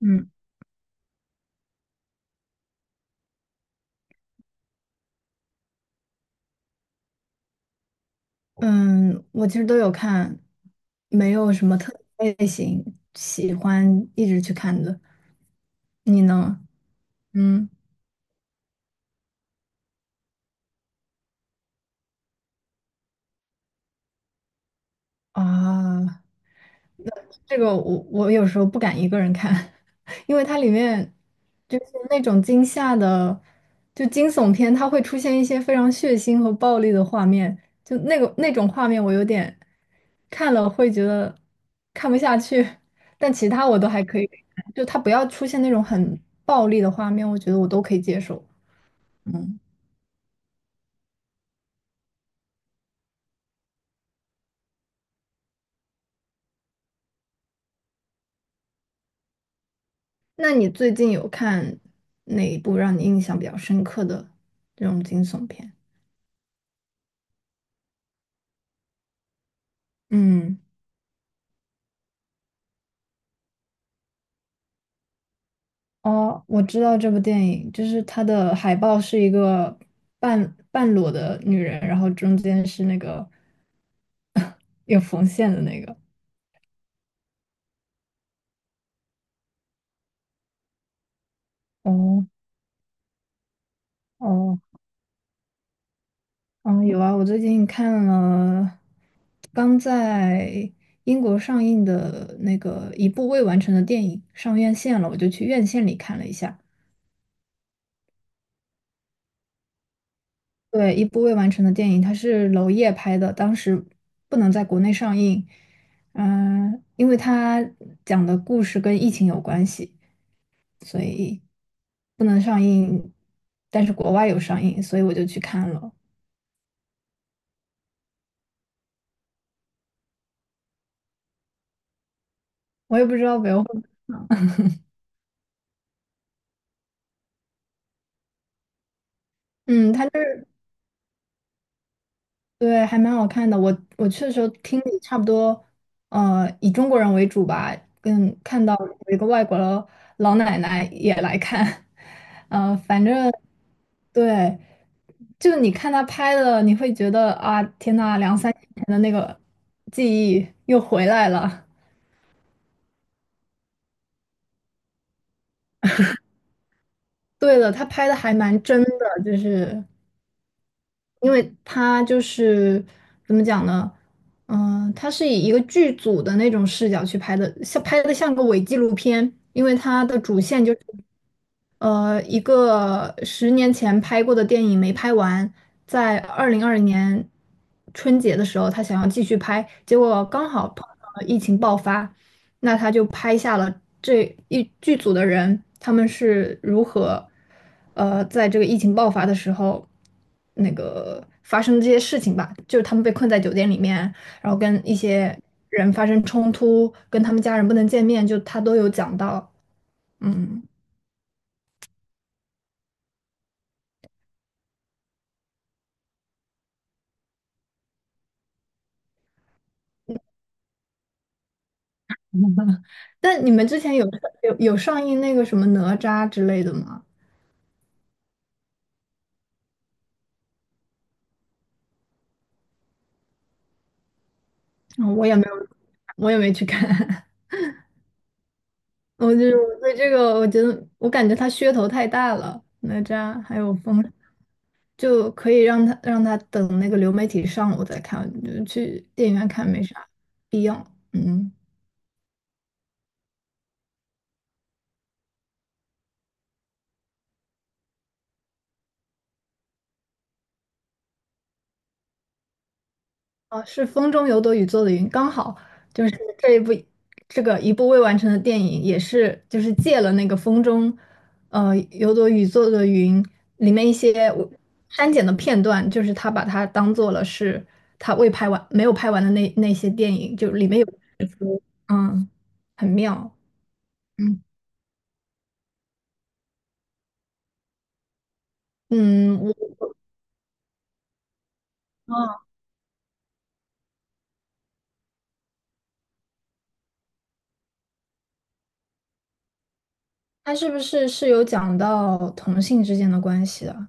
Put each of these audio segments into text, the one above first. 嗯嗯，我其实都有看，没有什么特定类型喜欢一直去看的。你呢？嗯啊，这个我有时候不敢一个人看，因为它里面就是那种惊吓的，就惊悚片，它会出现一些非常血腥和暴力的画面，就那个那种画面，我有点看了会觉得看不下去，但其他我都还可以看。就它不要出现那种很暴力的画面，我觉得我都可以接受。嗯，那你最近有看哪一部让你印象比较深刻的这种惊悚片？嗯。哦，我知道这部电影，就是它的海报是一个半半裸的女人，然后中间是那个有缝线的那个。哦哦，嗯，有啊，我最近看了刚在英国上映的那个一部未完成的电影，上院线了，我就去院线里看了一下。对，一部未完成的电影，它是娄烨拍的，当时不能在国内上映，因为他讲的故事跟疫情有关系，所以不能上映，但是国外有上映，所以我就去看了。我也不知道北欧会。嗯，它就是，对，还蛮好看的。我去的时候听力差不多，以中国人为主吧，跟看到有一个外国老奶奶也来看，反正对。就你看他拍的，你会觉得啊，天呐，两三年前的那个记忆又回来了。对了，他拍的还蛮真的，就是因为他就是怎么讲呢？他是以一个剧组的那种视角去拍的，像拍的像个伪纪录片，因为他的主线就是。一个10年前拍过的电影没拍完，在2020年春节的时候，他想要继续拍，结果刚好碰上了疫情爆发，那他就拍下了这一剧组的人，他们是如何，在这个疫情爆发的时候，那个发生这些事情吧，就是他们被困在酒店里面，然后跟一些人发生冲突，跟他们家人不能见面，就他都有讲到，嗯。但你们之前有上映那个什么哪吒之类的吗？啊我也没有，我也没去看。我就是我对这个，我觉得我感觉它噱头太大了，哪吒还有风，就可以让他等那个流媒体上我再看，就去电影院看没啥必要。嗯。啊，是《风中有朵雨做的云》，刚好就是这一部这个一部未完成的电影，也是就是借了那个《风中呃有朵雨做的云》里面一些我删减的片段，就是他把它当做了是他未拍完没有拍完的那些电影，就里面有嗯很妙。嗯嗯，他是不是有讲到同性之间的关系的？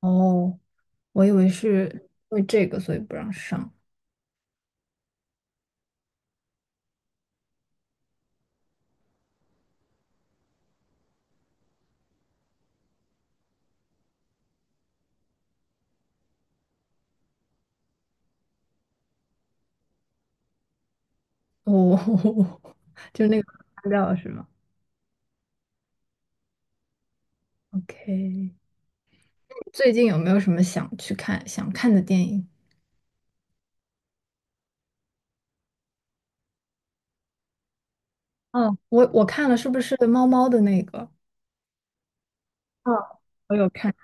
哦，我以为是因为这个所以不让上。哦，就是那个删掉了是吗？OK，最近有没有什么想看的电影？哦，我看了，是不是猫猫的那个？嗯，我有看，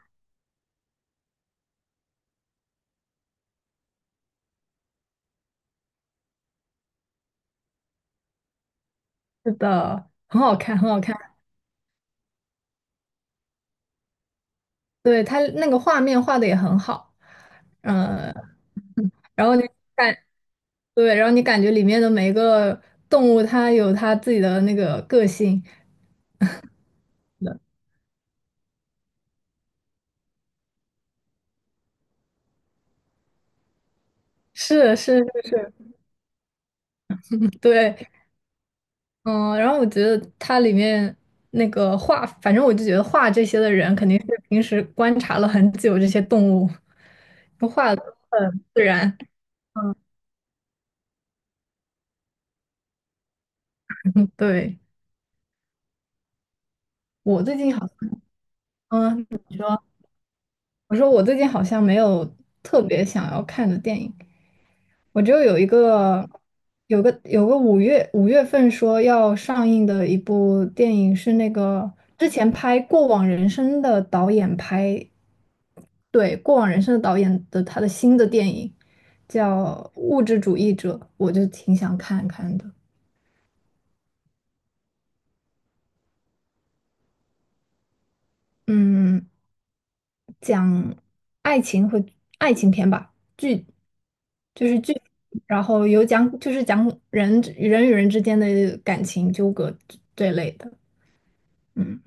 是的，很好看，很好看。对，它那个画面画的也很好，嗯、然后你感对，然后你感觉里面的每一个动物，它有它自己的那个个性，是是是是，对，嗯，然后我觉得它里面那个画，反正我就觉得画这些的人肯定是平时观察了很久这些动物，就画的很自然。嗯，对，我最近好像，嗯，你说，我说我最近好像没有特别想要看的电影，我就有一个有个有个五月份说要上映的一部电影是那个之前拍《过往人生》的导演拍，对，《过往人生》的导演的他的新的电影叫《物质主义者》，我就挺想看看的。嗯，讲爱情和爱情片吧，剧就是剧，然后有讲就是讲人与人之间的感情纠葛这类的。嗯。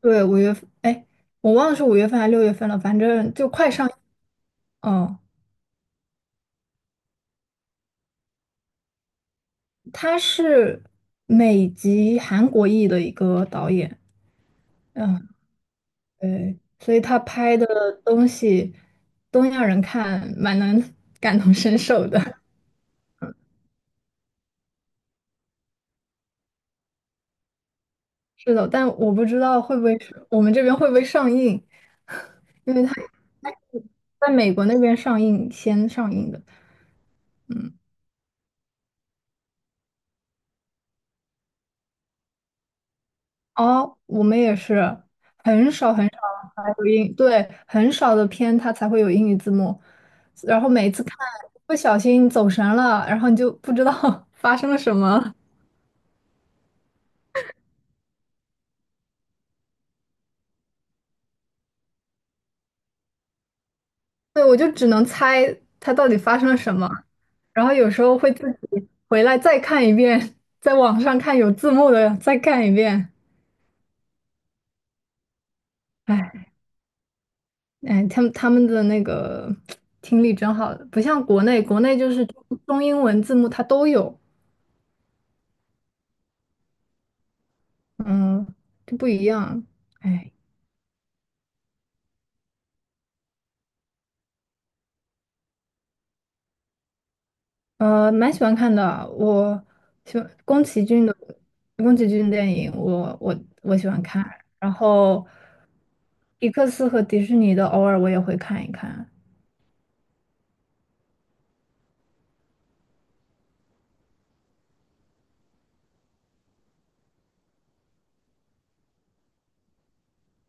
对，五月份，哎，我忘了是五月份还是六月份了，反正就快上。嗯，他是美籍韩国裔的一个导演，嗯，对，所以他拍的东西，东亚人看蛮能 感同身受的。是的，但我不知道会不会是我们这边会不会上映，因为他是在美国那边先上映的。哦，我们也是，很少很少才有英，对，很少的片它才会有英语字幕，然后每次看不小心走神了，然后你就不知道 发生了什么，对，我就只能猜它到底发生了什么，然后有时候会自己回来再看一遍，在网上看有字幕的再看一遍，哎哎，他们的那个 听力真好，不像国内，国内就是中英文字幕它都有。嗯，这不一样。哎，蛮喜欢看的。我喜欢宫崎骏电影，我喜欢看。然后，迪克斯和迪士尼的偶尔我也会看一看。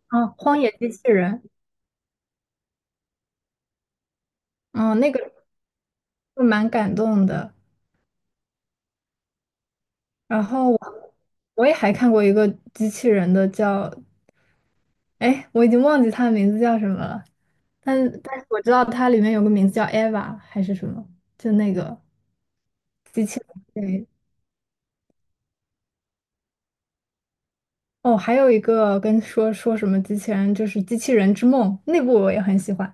啊，《荒野机器人》嗯，那个就蛮感动的。然后我也还看过一个机器人的叫，哎，我已经忘记它的名字叫什么了，但但是我知道它里面有个名字叫 Eva 还是什么，就那个。机器人，对，哦，还有一个跟说说什么机器人，就是《机器人之梦》那部我也很喜欢，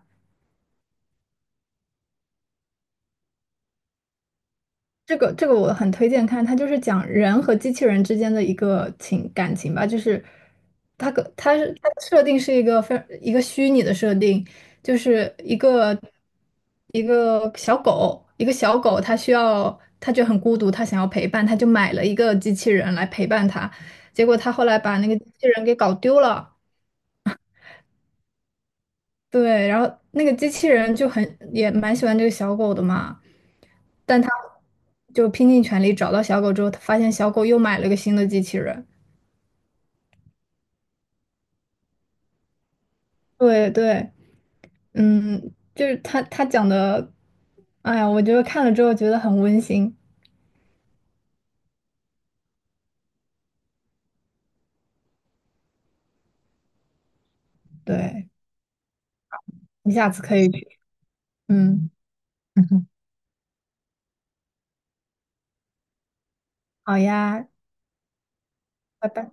这个我很推荐看，它就是讲人和机器人之间的一个情感情吧，就是它是它的设定是一个非一个虚拟的设定，就是一个小狗，一个小狗它需要它就很孤独，它想要陪伴，它就买了一个机器人来陪伴它，结果它后来把那个机器人给搞丢了。对，然后那个机器人就很也蛮喜欢这个小狗的嘛，但他就拼尽全力找到小狗之后，他发现小狗又买了个新的机器人。对对，嗯，就是他讲的，哎呀，我觉得看了之后觉得很温馨。对，你下次可以去，嗯，好呀，拜拜。